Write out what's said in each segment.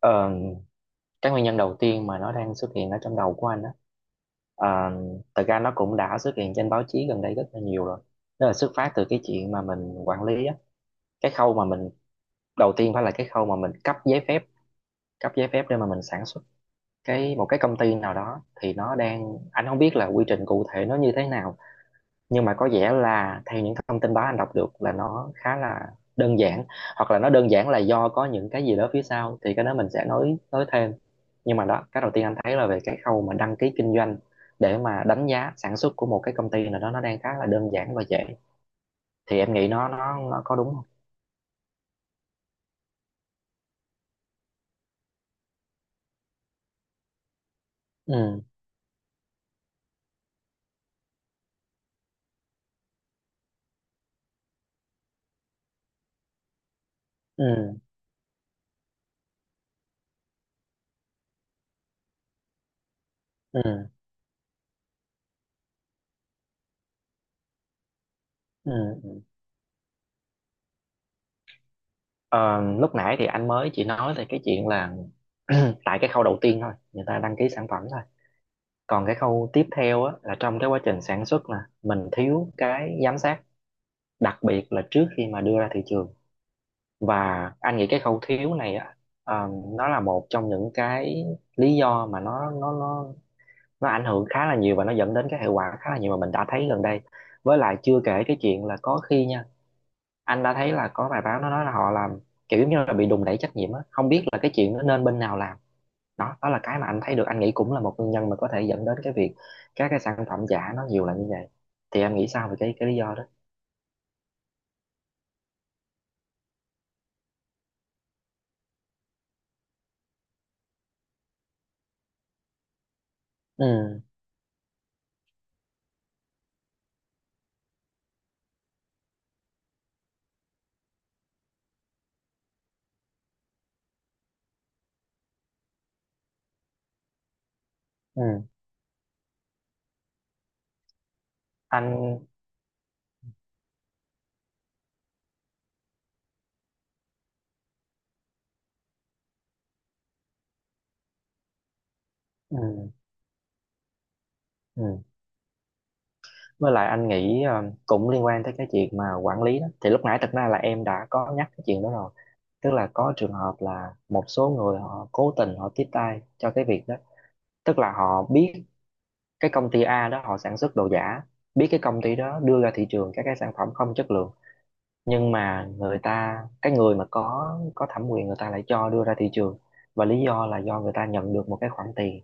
Ờ, cái nguyên nhân đầu tiên mà nó đang xuất hiện ở trong đầu của anh đó à, thật ra nó cũng đã xuất hiện trên báo chí gần đây rất là nhiều rồi, đó là xuất phát từ cái chuyện mà mình quản lý á. Cái khâu mà mình, đầu tiên phải là cái khâu mà mình cấp giấy phép, cấp giấy phép để mà mình sản xuất cái một cái công ty nào đó, thì nó đang, anh không biết là quy trình cụ thể nó như thế nào, nhưng mà có vẻ là theo những thông tin báo anh đọc được là nó khá là đơn giản, hoặc là nó đơn giản là do có những cái gì đó phía sau thì cái đó mình sẽ nói thêm. Nhưng mà đó, cái đầu tiên anh thấy là về cái khâu mà đăng ký kinh doanh để mà đánh giá sản xuất của một cái công ty nào đó, nó đang khá là đơn giản và dễ. Thì em nghĩ nó có đúng không? Ừ, ừ, ừ, ừ. Ờ, Lúc nãy thì anh mới chỉ nói về cái chuyện là tại cái khâu đầu tiên thôi, người ta đăng ký sản phẩm thôi. Còn cái khâu tiếp theo á, là trong cái quá trình sản xuất là mình thiếu cái giám sát, đặc biệt là trước khi mà đưa ra thị trường. Và anh nghĩ cái khẩu thiếu này á, ờ, nó là một trong những cái lý do mà nó ảnh hưởng khá là nhiều và nó dẫn đến cái hệ quả khá là nhiều mà mình đã thấy gần đây. Với lại chưa kể cái chuyện là có khi nha, anh đã thấy là có bài báo nó nói là họ làm kiểu giống như là bị đùn đẩy trách nhiệm á, không biết là cái chuyện nó nên bên nào làm. Đó, đó là cái mà anh thấy được, anh nghĩ cũng là một nguyên nhân mà có thể dẫn đến cái việc các cái sản phẩm giả nó nhiều là như vậy. Thì em nghĩ sao về cái lý do đó? Ừ, ừ, anh, ừ, ừ, với lại anh nghĩ cũng liên quan tới cái chuyện mà quản lý đó, thì lúc nãy thật ra là em đã có nhắc cái chuyện đó rồi. Tức là có trường hợp là một số người họ cố tình họ tiếp tay cho cái việc đó. Tức là họ biết cái công ty A đó họ sản xuất đồ giả, biết cái công ty đó đưa ra thị trường các cái sản phẩm không chất lượng, nhưng mà người ta, cái người mà có thẩm quyền, người ta lại cho đưa ra thị trường. Và lý do là do người ta nhận được một cái khoản tiền,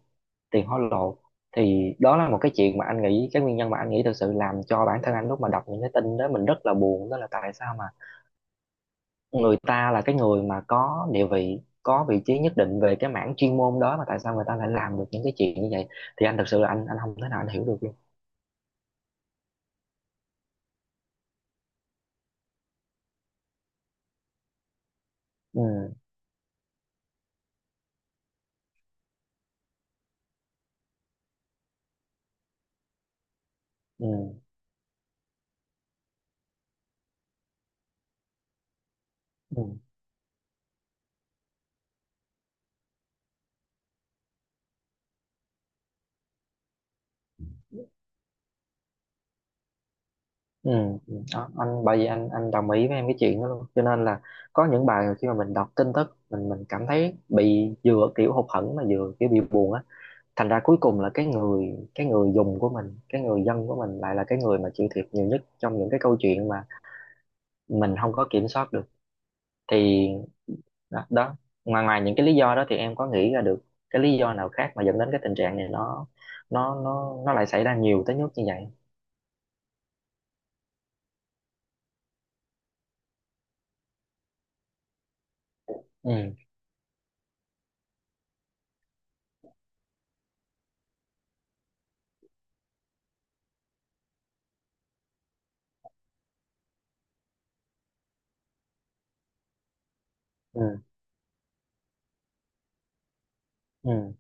tiền hối lộ. Thì đó là một cái chuyện mà anh nghĩ, cái nguyên nhân mà anh nghĩ thực sự làm cho bản thân anh lúc mà đọc những cái tin đó mình rất là buồn, đó là tại sao mà người ta là cái người mà có địa vị, có vị trí nhất định về cái mảng chuyên môn đó, mà tại sao người ta lại làm được những cái chuyện như vậy. Thì anh thực sự là anh không thể nào anh hiểu được luôn. Ừ, ừ, ừ, ừ, ừ. Đó, anh bởi vì anh đồng ý với em cái chuyện đó luôn, cho nên là có những bài khi mà mình đọc tin tức mình cảm thấy bị vừa kiểu hụt hẫng mà vừa kiểu bị buồn á, thành ra cuối cùng là cái người, cái người dùng của mình, cái người dân của mình lại là cái người mà chịu thiệt nhiều nhất trong những cái câu chuyện mà mình không có kiểm soát được. Thì đó, đó. Ngoài ngoài những cái lý do đó thì em có nghĩ ra được cái lý do nào khác mà dẫn đến cái tình trạng này nó nó lại xảy ra nhiều tới mức như vậy. Ừ, ừ, ừ,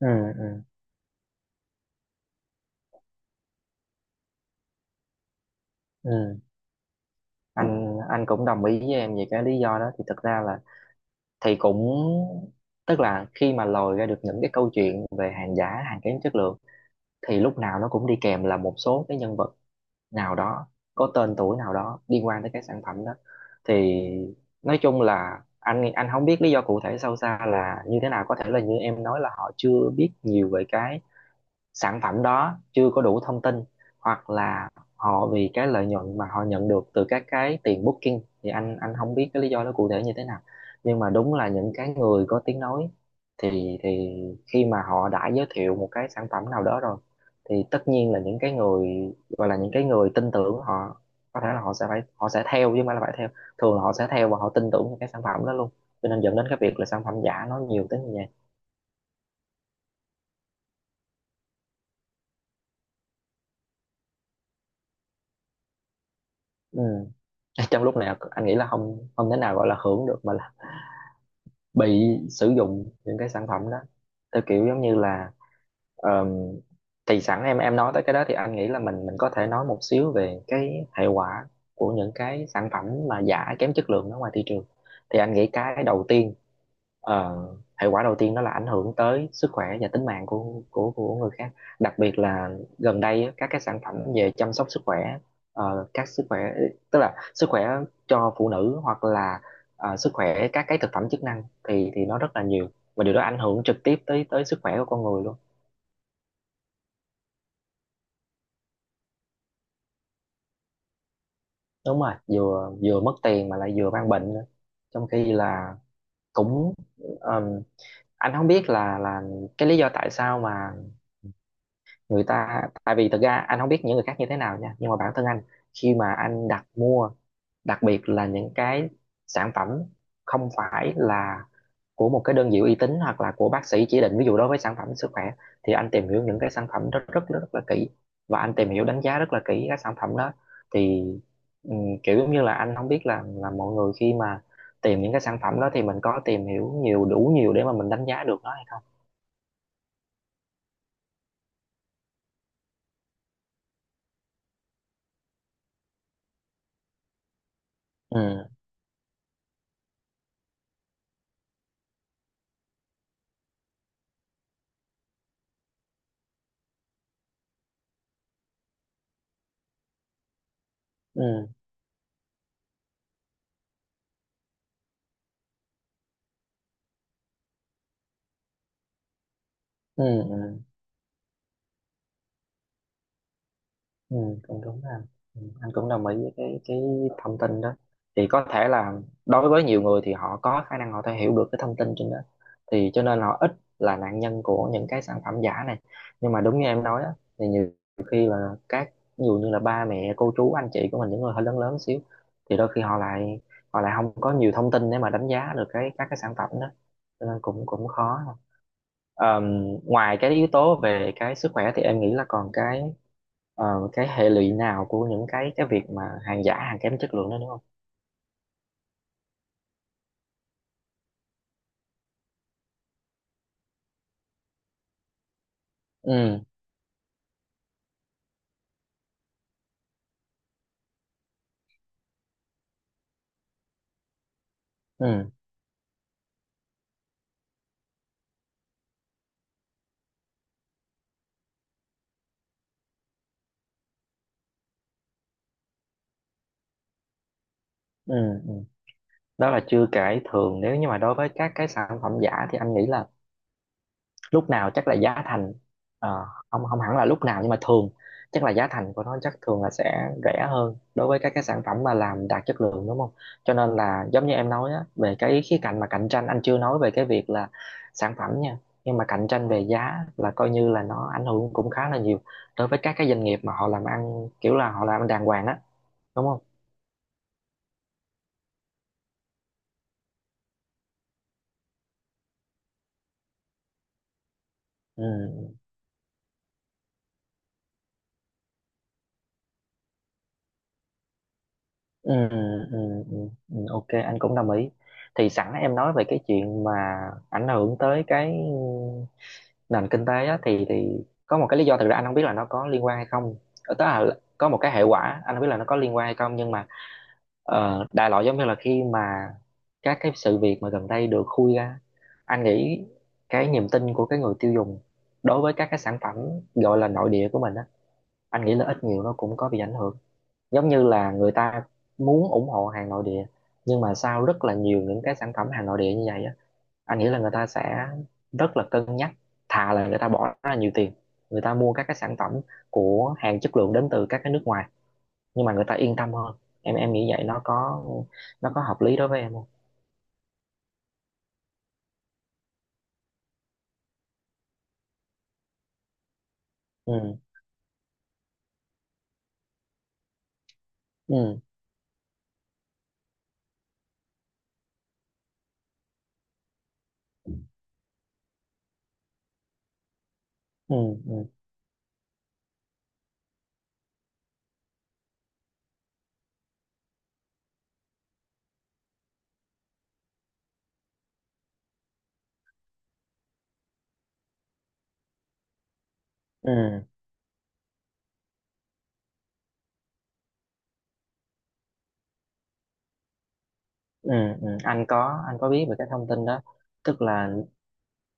ừ, ừ, ừ, anh cũng đồng ý với em về cái lý do đó, thì thực ra là thì cũng, tức là khi mà lòi ra được những cái câu chuyện về hàng giả, hàng kém chất lượng, thì lúc nào nó cũng đi kèm là một số cái nhân vật nào đó, có tên tuổi nào đó liên quan tới cái sản phẩm đó. Thì nói chung là anh không biết lý do cụ thể sâu xa là như thế nào, có thể là như em nói là họ chưa biết nhiều về cái sản phẩm đó, chưa có đủ thông tin, hoặc là họ vì cái lợi nhuận mà họ nhận được từ các cái tiền booking. Thì anh không biết cái lý do nó cụ thể như thế nào, nhưng mà đúng là những cái người có tiếng nói thì khi mà họ đã giới thiệu một cái sản phẩm nào đó rồi, thì tất nhiên là những cái người, gọi là những cái người tin tưởng họ, có thể là họ sẽ phải, họ sẽ theo, chứ không phải là phải theo, thường là họ sẽ theo và họ tin tưởng vào cái sản phẩm đó luôn. Cho nên dẫn đến cái việc là sản phẩm giả nó nhiều tới như vậy. Ừ. Trong lúc này anh nghĩ là không không thể nào gọi là hưởng được, mà là bị sử dụng những cái sản phẩm đó theo kiểu giống như là, ờm, thì sẵn em nói tới cái đó, thì anh nghĩ là mình có thể nói một xíu về cái hệ quả của những cái sản phẩm mà giả kém chất lượng ở ngoài thị trường. Thì anh nghĩ cái đầu tiên, Ờ, hệ quả đầu tiên đó là ảnh hưởng tới sức khỏe và tính mạng của người khác. Đặc biệt là gần đây á, các cái sản phẩm về chăm sóc sức khỏe, các sức khỏe, tức là sức khỏe cho phụ nữ hoặc là sức khỏe các cái thực phẩm chức năng, thì nó rất là nhiều. Và điều đó ảnh hưởng trực tiếp tới tới sức khỏe của con người luôn. Đúng rồi, vừa vừa mất tiền mà lại vừa mang bệnh nữa. Trong khi là cũng, ờm, anh không biết là cái lý do tại sao mà người ta, tại vì thực ra anh không biết những người khác như thế nào nha, nhưng mà bản thân anh khi mà anh đặt mua, đặc biệt là những cái sản phẩm không phải là của một cái đơn vị uy tín hoặc là của bác sĩ chỉ định, ví dụ đối với sản phẩm sức khỏe, thì anh tìm hiểu những cái sản phẩm rất rất rất, rất là kỹ. Và anh tìm hiểu đánh giá rất là kỹ các sản phẩm đó. Thì ừm, kiểu giống như là anh không biết là mọi người khi mà tìm những cái sản phẩm đó, thì mình có tìm hiểu nhiều đủ nhiều để mà mình đánh giá được nó hay không. Ừ, ừ, ừ, ừ. Ừ, cũng đúng ha. Ừ, anh cũng đồng ý với cái thông tin đó. Thì có thể là đối với nhiều người thì họ có khả năng họ thể hiểu được cái thông tin trên đó, thì cho nên họ ít là nạn nhân của những cái sản phẩm giả này. Nhưng mà đúng như em nói á, thì nhiều khi là các, ví dụ như là ba mẹ cô chú anh chị của mình, những người hơi lớn lớn xíu, thì đôi khi họ lại, họ lại không có nhiều thông tin để mà đánh giá được cái các cái sản phẩm đó. Cho nên cũng cũng khó. Ờm, Ngoài cái yếu tố về cái sức khỏe thì em nghĩ là còn cái, ờ, cái hệ lụy nào của những cái việc mà hàng giả hàng kém chất lượng đó đúng không? Ừ, ừ, ừ, ừ. Đó là chưa kể thường nếu như mà đối với các cái sản phẩm giả thì anh nghĩ là lúc nào chắc là giá thành, ờ, không không hẳn là lúc nào nhưng mà thường chắc là giá thành của nó chắc thường là sẽ rẻ hơn đối với các cái sản phẩm mà làm đạt chất lượng đúng không? Cho nên là giống như em nói á, về cái khía cạnh mà cạnh tranh, anh chưa nói về cái việc là sản phẩm nha, nhưng mà cạnh tranh về giá là coi như là nó ảnh hưởng cũng khá là nhiều đối với các cái doanh nghiệp mà họ làm ăn, kiểu là họ làm ăn đàng hoàng á, đúng không? Ừ, ừ, ừ, ừ, ừ, ừ, ok, anh cũng đồng ý. Thì sẵn em nói về cái chuyện mà ảnh hưởng tới cái nền kinh tế á, thì có một cái lý do, thực ra anh không biết là nó có liên quan hay không. Tức là có một cái hệ quả anh không biết là nó có liên quan hay không, nhưng mà đại loại giống như là khi mà các cái sự việc mà gần đây được khui ra, anh nghĩ cái niềm tin của cái người tiêu dùng đối với các cái sản phẩm gọi là nội địa của mình á, anh nghĩ là ít nhiều nó cũng có bị ảnh hưởng. Giống như là người ta muốn ủng hộ hàng nội địa, nhưng mà sau rất là nhiều những cái sản phẩm hàng nội địa như vậy á, anh nghĩ là người ta sẽ rất là cân nhắc, thà là người ta bỏ ra nhiều tiền, người ta mua các cái sản phẩm của hàng chất lượng đến từ các cái nước ngoài nhưng mà người ta yên tâm hơn. Em nghĩ vậy nó có hợp lý đối với em không? Ừ, ừ, ừ, ừ, ừ, ừ, ừ. Anh có biết về cái thông tin đó. Tức là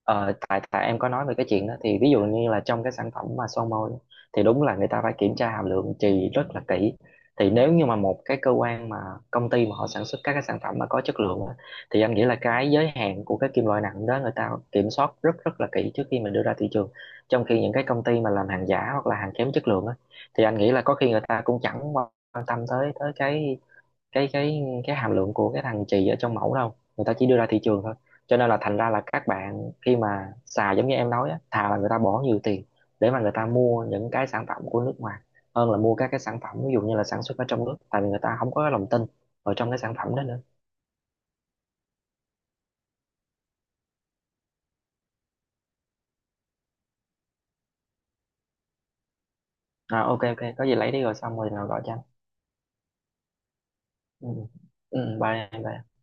tại tại em có nói về cái chuyện đó, thì ví dụ như là trong cái sản phẩm mà son môi thì đúng là người ta phải kiểm tra hàm lượng chì rất là kỹ. Thì nếu như mà một cái cơ quan mà công ty mà họ sản xuất các cái sản phẩm mà có chất lượng á, thì anh nghĩ là cái giới hạn của cái kim loại nặng đó người ta kiểm soát rất rất là kỹ trước khi mà đưa ra thị trường. Trong khi những cái công ty mà làm hàng giả hoặc là hàng kém chất lượng á, thì anh nghĩ là có khi người ta cũng chẳng quan tâm tới tới cái cái hàm lượng của cái thằng chì ở trong mẫu đâu, người ta chỉ đưa ra thị trường thôi. Cho nên là thành ra là các bạn khi mà xài, giống như em nói á, thà là người ta bỏ nhiều tiền để mà người ta mua những cái sản phẩm của nước ngoài hơn là mua các cái sản phẩm ví dụ như là sản xuất ở trong nước, tại vì người ta không có lòng tin ở trong cái sản phẩm đó nữa. À, ok, ok, có gì lấy đi rồi xong rồi nào gọi cho anh. Ừ. Ừ, bye em bye.